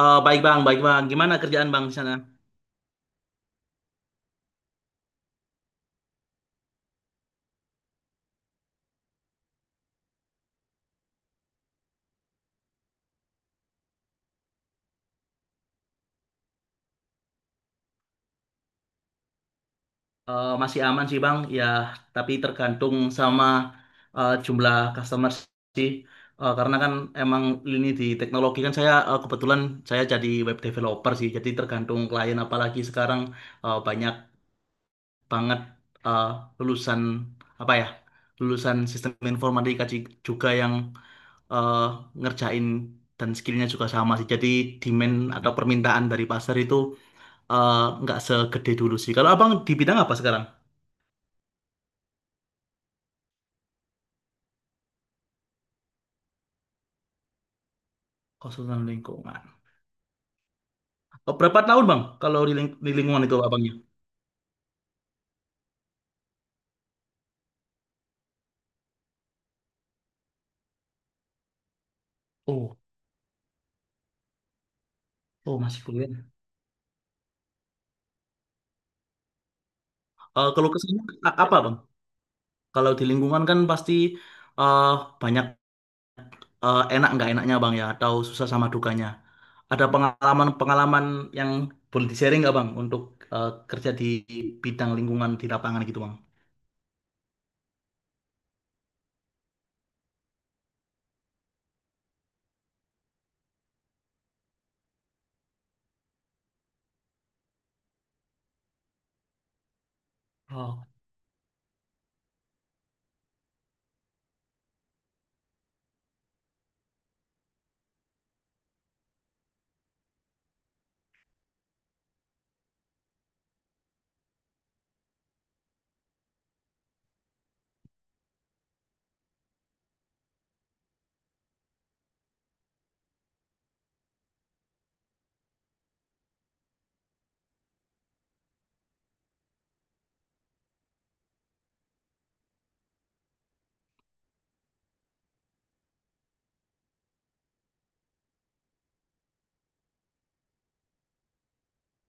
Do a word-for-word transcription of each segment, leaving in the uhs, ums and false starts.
Eh, baik bang, baik bang. Gimana kerjaan bang di sana? Eh, masih aman sih bang, ya. Tapi tergantung sama eh, jumlah customer sih. Eh, karena kan emang ini di teknologi kan saya eh, kebetulan saya jadi web developer sih. Jadi tergantung klien. Apalagi sekarang eh, banyak banget eh, lulusan apa ya, lulusan sistem informatika ji- juga yang eh, ngerjain dan skillnya juga sama sih. Jadi demand atau permintaan dari pasar itu eh, nggak segede dulu sih. Kalau abang di bidang apa sekarang? Konsultan lingkungan. Oh, berapa tahun bang? Kalau di, ling- di lingkungan itu abangnya? Oh, oh masih kuliah. Eh, kalau kesini apa bang? Kalau di lingkungan kan pasti eh, banyak, eh, enak nggak enaknya bang ya, atau susah sama dukanya. Ada pengalaman-pengalaman yang boleh di-sharing nggak bang untuk eh, kerja di bidang lingkungan di lapangan gitu bang?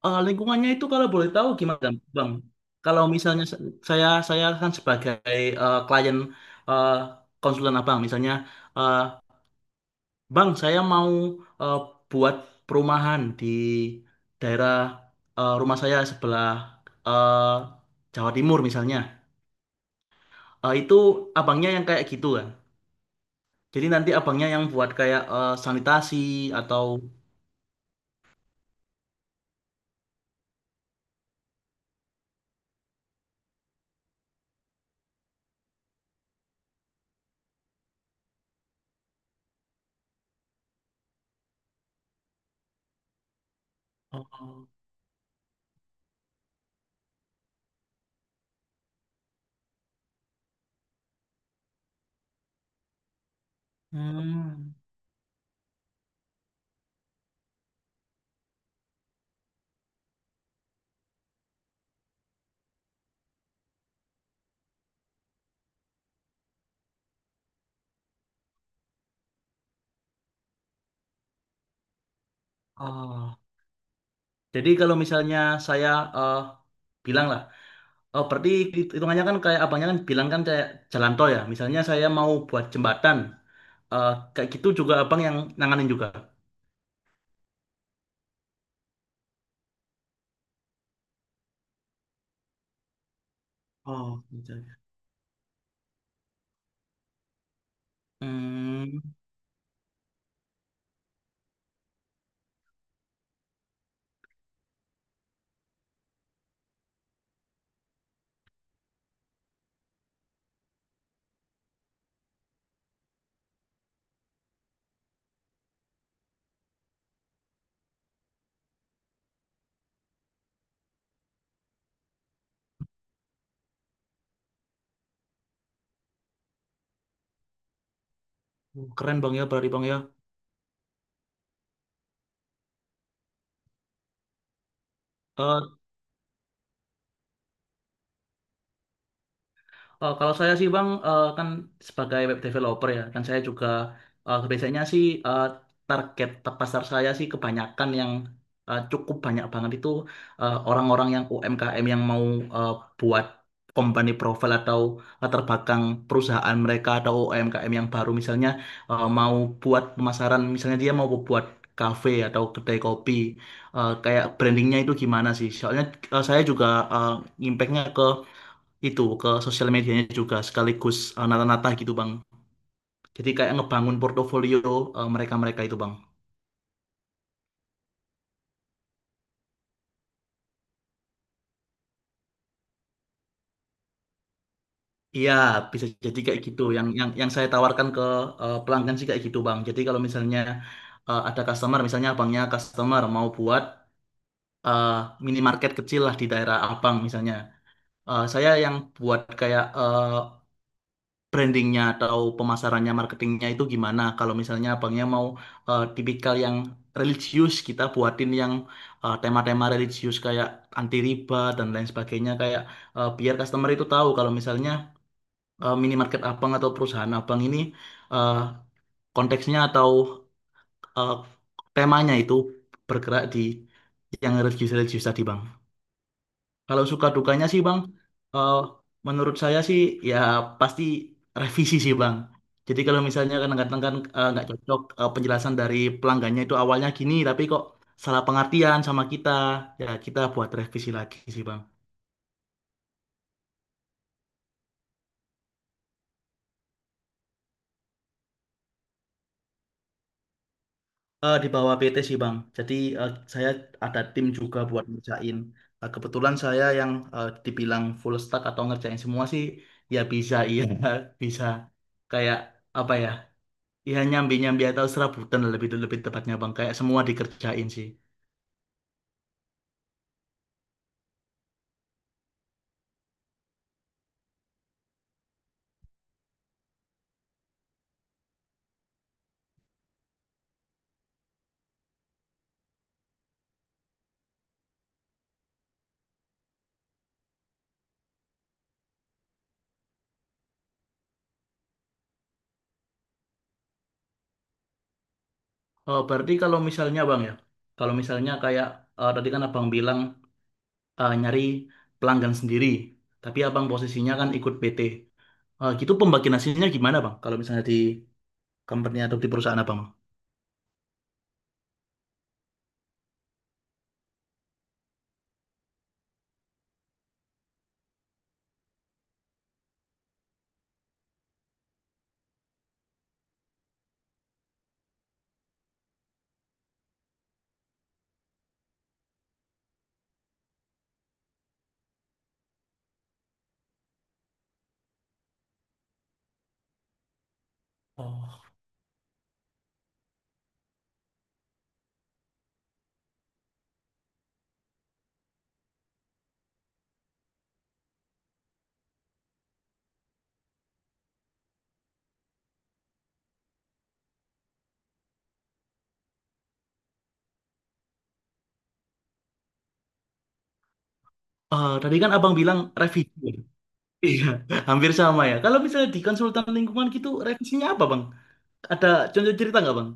Eh, lingkungannya itu kalau boleh tahu gimana, Bang? Kalau misalnya se- saya saya kan sebagai eh, klien eh, konsulen Abang, misalnya, eh, Bang, saya mau eh, buat perumahan di daerah eh, rumah saya sebelah eh, Jawa Timur misalnya. Eh, itu abangnya yang kayak gitu kan. Jadi nanti abangnya yang buat kayak eh, sanitasi atau. Oh. Hmm. Oh. Jadi kalau misalnya saya eh, bilang lah. Oh, berarti hitungannya kan kayak abangnya kan bilang kan kayak jalan tol ya. Misalnya saya mau buat jembatan, eh, kayak gitu juga abang yang nanganin juga. Oh, gitu, ya. Hmm, keren bang ya, berarti bang ya. Eh, Eh, kalau saya sih Bang, eh, kan sebagai web developer ya, dan saya juga eh, biasanya sih eh, target pasar saya sih kebanyakan yang eh, cukup banyak banget itu eh, orang-orang yang U M K M yang mau eh, buat company profile atau latar belakang perusahaan mereka atau U M K M yang baru misalnya eh, mau buat pemasaran, misalnya dia mau buat kafe atau kedai kopi. Eh, kayak brandingnya itu gimana sih? Soalnya eh, saya juga eh, impactnya ke itu ke sosial medianya juga sekaligus eh, nata-nata gitu Bang. Jadi kayak ngebangun portofolio eh, mereka-mereka itu Bang. Iya, bisa jadi kayak gitu. Yang yang yang saya tawarkan ke eh, pelanggan sih kayak gitu Bang. Jadi kalau misalnya eh, ada customer, misalnya abangnya customer mau buat eh, minimarket kecil lah di daerah abang misalnya. Eh, saya yang buat kayak eh, brandingnya atau pemasarannya, marketingnya itu gimana. Kalau misalnya abangnya mau eh, tipikal yang religius, kita buatin yang eh, tema-tema religius kayak anti riba dan lain sebagainya, kayak eh, biar customer itu tahu kalau misalnya eh, minimarket abang atau perusahaan abang ini eh, konteksnya atau eh, temanya itu bergerak di yang religius-religius tadi, Bang. Kalau suka dukanya sih Bang, eh, menurut saya sih ya pasti revisi sih Bang. Jadi kalau misalnya kadang-kadang kan eh, nggak cocok, eh, penjelasan dari pelanggannya itu awalnya gini, tapi kok salah pengertian sama kita, ya kita buat revisi lagi sih Bang. Eh, di bawah P T sih Bang. Jadi eh, saya ada tim juga buat ngerjain. Eh, kebetulan saya yang eh, dibilang full stack atau ngerjain semua sih, ya bisa iya bisa kayak apa ya? Ya nyambi-nyambi atau serabutan lah lebih lebih tepatnya bang. Kayak semua dikerjain sih. Oh, berarti kalau misalnya bang ya, kalau misalnya kayak eh, tadi kan abang bilang eh, nyari pelanggan sendiri, tapi abang posisinya kan ikut P T. Eh, gitu pembagian hasilnya gimana bang? Kalau misalnya di company atau di perusahaan abang? Oh. Eh, tadi kan abang bilang revisi, ya? Iya, hampir sama ya. Kalau misalnya di konsultan lingkungan gitu, revisinya apa bang? Ada contoh cerita nggak bang?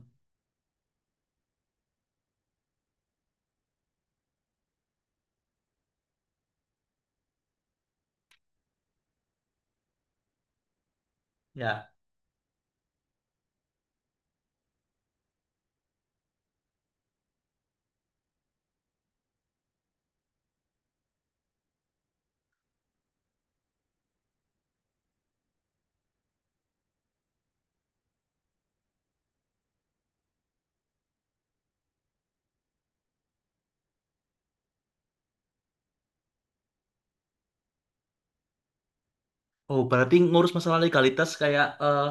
Ya. Oh, berarti ngurus masalah legalitas kayak eh,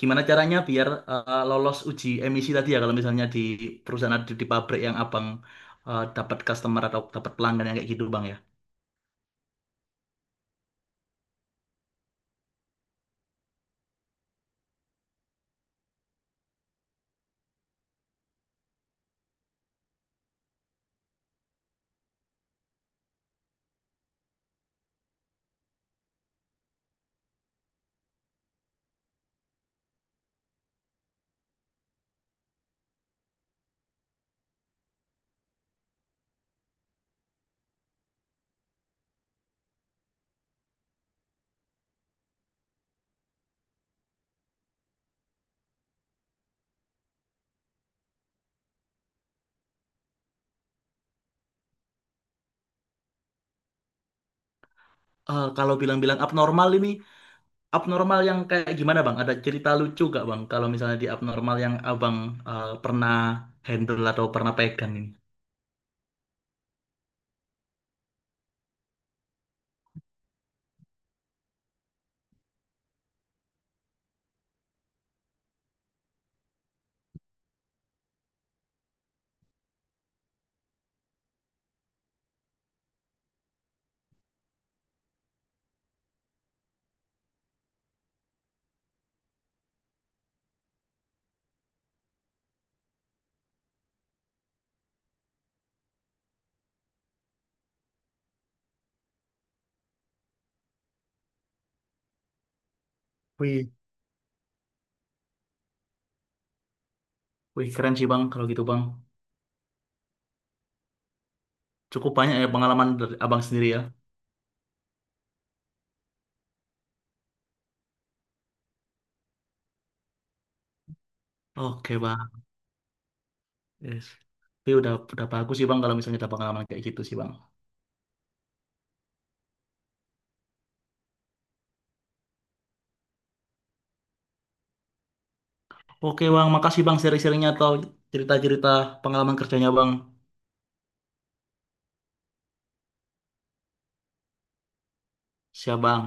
gimana caranya biar eh, lolos uji emisi tadi ya kalau misalnya di perusahaan di, di pabrik yang abang eh, dapat customer atau dapat pelanggan yang kayak gitu bang ya. Eh, kalau bilang-bilang abnormal ini abnormal yang kayak gimana bang? Ada cerita lucu gak bang? Kalau misalnya di abnormal yang abang eh, pernah handle atau pernah pegang ini. Wih, wih keren sih bang kalau gitu bang. Cukup banyak ya pengalaman dari abang sendiri ya. Oke bang. Yes. Tapi udah udah bagus sih Bang kalau misalnya ada pengalaman kayak gitu sih Bang. Oke Bang, makasih Bang sharing-sharingnya atau cerita-cerita pengalaman kerjanya Bang. Siap Bang.